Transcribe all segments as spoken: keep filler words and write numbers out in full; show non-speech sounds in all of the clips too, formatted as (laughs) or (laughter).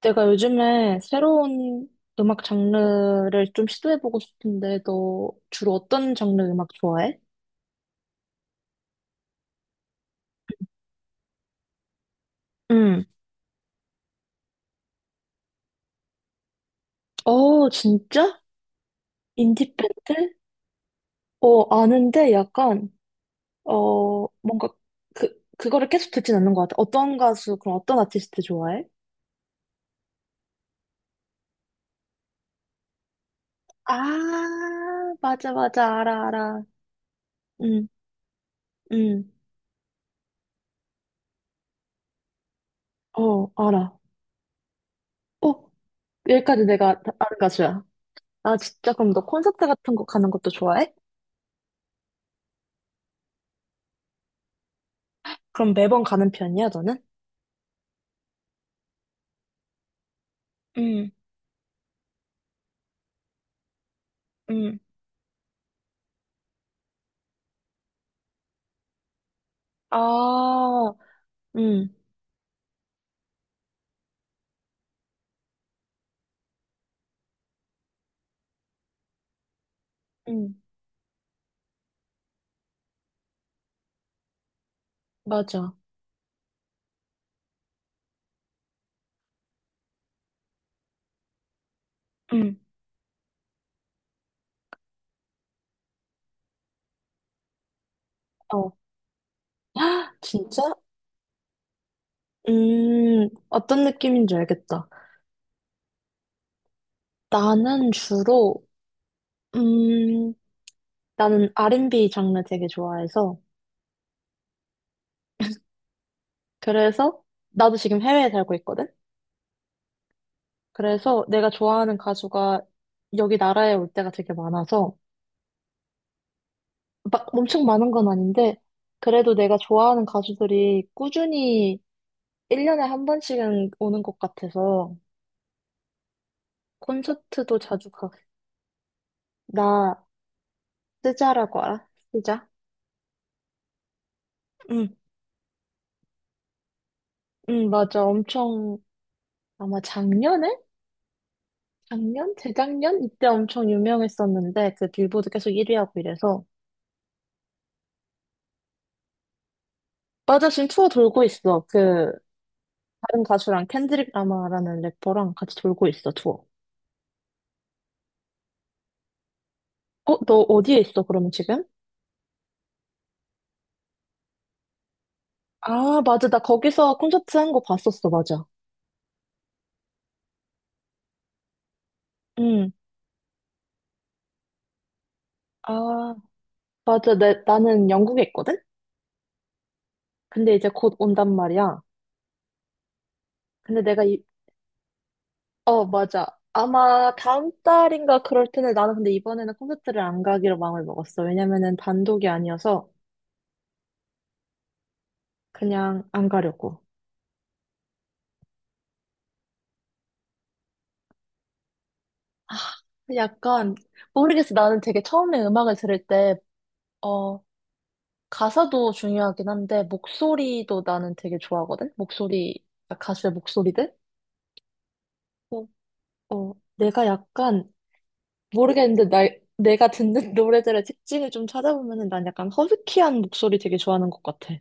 내가 요즘에 새로운 음악 장르를 좀 시도해보고 싶은데, 너 주로 어떤 장르 음악 좋아해? 응. 어, 진짜? 인디밴드? 어, 아는데 약간, 어, 뭔가 그, 그거를 계속 듣진 않는 것 같아. 어떤 가수, 그럼 어떤 아티스트 좋아해? 아, 맞아, 맞아. 알아, 알아. 응, 응. 어, 알아. 어, 여기까지 내가 다- 아는 가수야. 아, 진짜? 그럼 너 콘서트 같은 거 가는 것도 좋아해? 그럼 매번 가는 편이야, 너는? 응, 응. 아, 응, 응. 맞아. 응, 어. (gasps) 헉, 진짜? 음, 어떤 느낌인지 알겠다. 나는 주로, 음, 나는 알앤비 장르 되게 좋아해서, 그래서, 나도 지금 해외에 살고 있거든? 그래서 내가 좋아하는 가수가 여기 나라에 올 때가 되게 많아서, 막 엄청 많은 건 아닌데, 그래도 내가 좋아하는 가수들이 꾸준히 일 년에 한 번씩은 오는 것 같아서, 콘서트도 자주 가. 나 쓰자라고 알아? 쓰자? 응, 응, 맞아. 엄청 아마 작년에? 작년? 재작년? 이때 엄청 유명했었는데 그 빌보드 계속 일 위 하고 이래서. 맞아, 지금 투어 돌고 있어. 그 다른 가수랑 켄드릭 라마라는 래퍼랑 같이 돌고 있어, 투어. 어, 너 어디에 있어, 그러면 지금? 아, 맞아. 나 거기서 콘서트 한 거 봤었어, 맞아. 응. 아, 맞아. 내, 나는 영국에 있거든? 근데 이제 곧 온단 말이야. 근데 내가 이, 어, 맞아. 아마 다음 달인가 그럴 텐데 나는 근데 이번에는 콘서트를 안 가기로 마음을 먹었어. 왜냐면은 단독이 아니어서 그냥 안 가려고. 아, 약간 모르겠어. 나는 되게 처음에 음악을 들을 때, 어, 가사도 중요하긴 한데 목소리도 나는 되게 좋아하거든. 목소리, 가수의 목소리들. 어, 어, 내가 약간 모르겠는데 나, 내가 듣는 (laughs) 노래들의 특징을 좀 찾아보면은 난 약간 허스키한 목소리 되게 좋아하는 것 같아.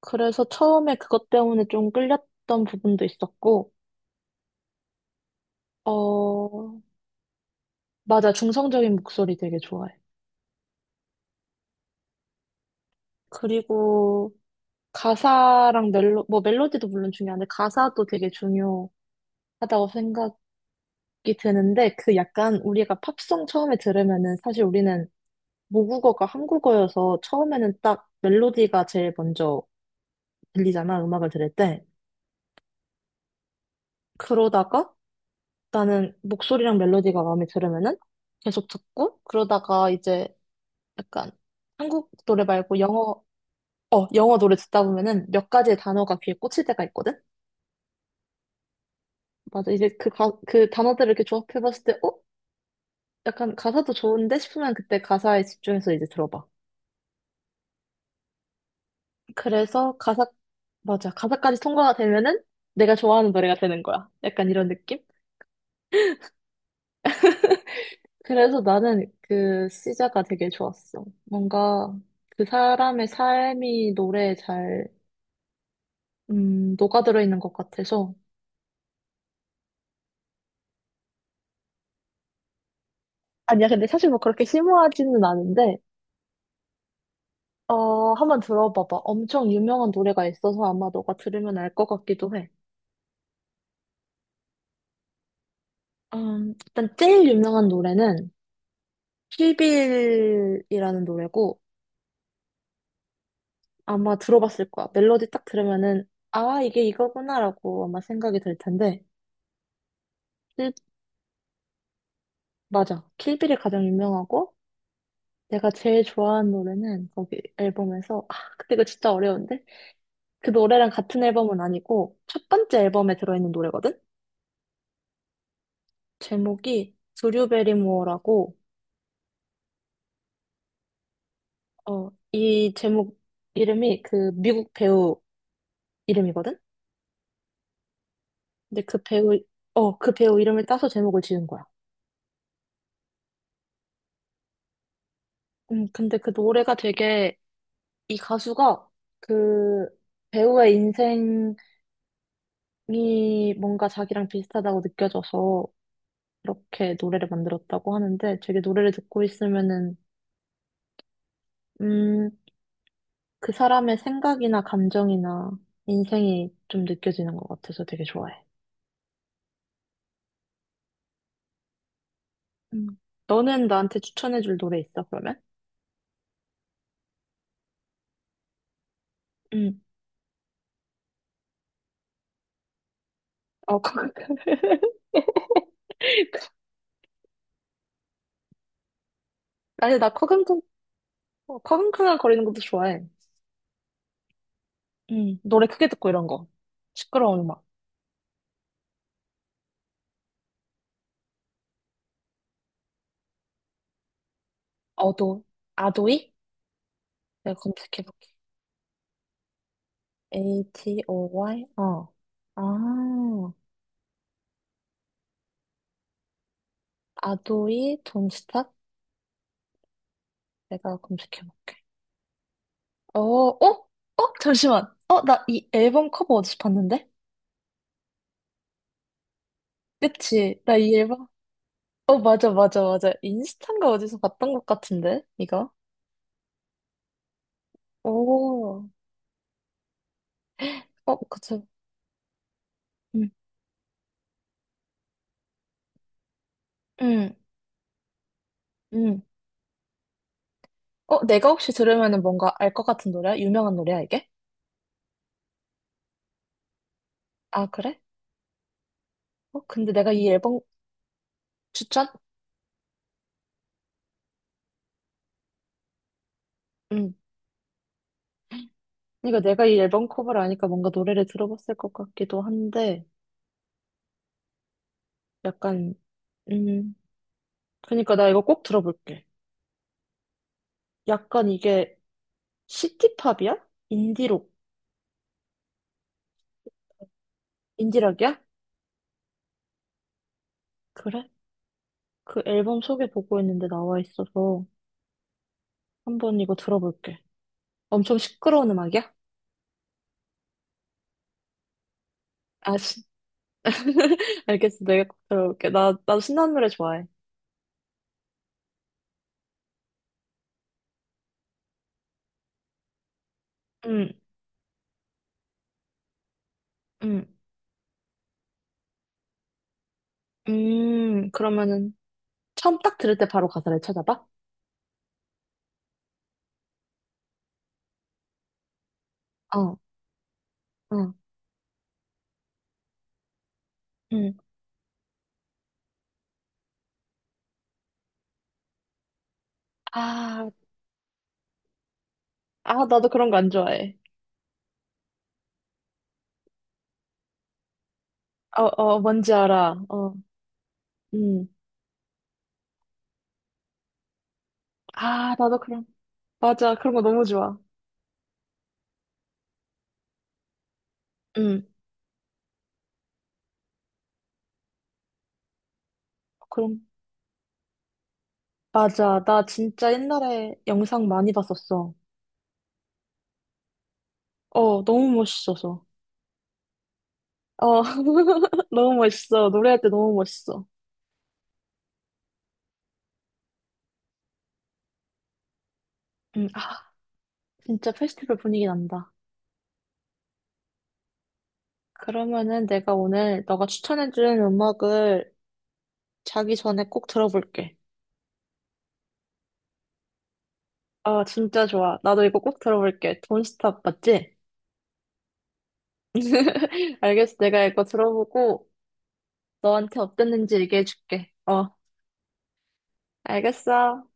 그래서 처음에 그것 때문에 좀 끌렸던 부분도 있었고, 어, 맞아. 중성적인 목소리 되게 좋아해. 그리고 가사랑 멜로, 뭐 멜로디도 물론 중요한데 가사도 되게 중요하다고 생각이 드는데 그 약간 우리가 팝송 처음에 들으면은 사실 우리는 모국어가 한국어여서 처음에는 딱 멜로디가 제일 먼저 들리잖아. 음악을 들을 때. 그러다가 나는 목소리랑 멜로디가 마음에 들으면은 계속 듣고 그러다가 이제 약간 한국 노래 말고 영어, 어, 영어 노래 듣다 보면은 몇 가지의 단어가 귀에 꽂힐 때가 있거든? 맞아. 이제 그, 가, 그 단어들을 이렇게 조합해봤을 때, 어? 약간 가사도 좋은데 싶으면 그때 가사에 집중해서 이제 들어봐. 그래서 가사, 맞아. 가사까지 통과가 되면은 내가 좋아하는 노래가 되는 거야. 약간 이런 느낌? 그래서 나는 그 시자가 되게 좋았어. 뭔가 그 사람의 삶이 노래에 잘, 음, 녹아들어 있는 것 같아서. 아니야, 근데 사실 뭐 그렇게 심오하지는 않은데, 어, 한번 들어봐봐. 엄청 유명한 노래가 있어서 아마 너가 들으면 알 것 같기도 해. 음, 일단 제일 유명한 노래는 킬빌이라는 노래고 아마 들어봤을 거야. 멜로디 딱 들으면은 아, 이게 이거구나라고 아마 생각이 들 텐데. 킬- 맞아. 킬빌이 가장 유명하고 내가 제일 좋아하는 노래는 거기 앨범에서 아, 근데 이거 진짜 어려운데? 그 노래랑 같은 앨범은 아니고 첫 번째 앨범에 들어있는 노래거든? 제목이 드류 베리모어라고 어, 이 제목 이름이 그 미국 배우 이름이거든? 근데 그 배우, 어, 그 배우 이름을 따서 제목을 지은 거야. 음, 근데 그 노래가 되게 이 가수가 그 배우의 인생이 뭔가 자기랑 비슷하다고 느껴져서 그렇게 노래를 만들었다고 하는데 되게 노래를 듣고 있으면은, 음, 그 사람의 생각이나 감정이나 인생이 좀 느껴지는 것 같아서 되게 좋아해. 음. 너는 나한테 추천해줄 노래 있어, 그러면? 어, 커- (laughs) 아니, 나 커금큰, 어, 커금큰한 거리는 것도 좋아해. 응. 노래 크게 듣고 이런 거. 시끄러운 음악. 어도, 아도이? 내가 검색해볼게. a T o y 어. 아, 아도이 돈스탑? 내가 검색해볼게. 어, 어? 어? 잠시만. 어, 나 이 앨범 커버 어디서 봤는데? 그치? 나 이 앨범. 어, 맞아, 맞아, 맞아. 인스타인가 어디서 봤던 것 같은데? 이거? 오. 어, 그치. 응, 응, 응. 어, 내가 혹시 들으면은 뭔가 알 것 같은 노래야? 유명한 노래야, 이게? 아, 그래? 어, 근데 내가 이 앨범 추천? 응. 그러니까 내가 이 앨범 커버를 아니까 뭔가 노래를 들어봤을 것 같기도 한데, 약간, 음, 그러니까 나 이거 꼭 들어볼게. 약간 이게 시티팝이야? 인디록, 인디락이야? 그래? 그 앨범 소개 보고 있는데 나와 있어서 한번 이거 들어볼게. 엄청 시끄러운 음악이야? 아, 시... (laughs) 알겠어. 내가 꼭 들어볼게. 나, 나 신나는 노래 좋아해. 응, 응. 음, 그러면은 처음 딱 들을 때 바로 가사를 찾아봐? 어, 어, 음. 아, 아, 나도 그런 거 안 좋아해. 어, 어, 뭔지 알아. 어, 음. 아, 나도 그런, 맞아. 그런 거 너무 좋아. 음, 그럼, 맞아. 나 진짜 옛날에 영상 많이 봤었어. 어, 너무 멋있어서. 어, (laughs) 너무 멋있어. 노래할 때 너무 멋있어. 음, 아, 진짜 페스티벌 분위기 난다. 그러면은 내가 오늘 너가 추천해준 음악을 자기 전에 꼭 들어볼게. 아, 진짜 좋아. 나도 이거 꼭 들어볼게. 돈스탑 맞지? (laughs) 알겠어. 내가 이거 들어보고 너한테 어땠는지 얘기해줄게. 어, 알겠어.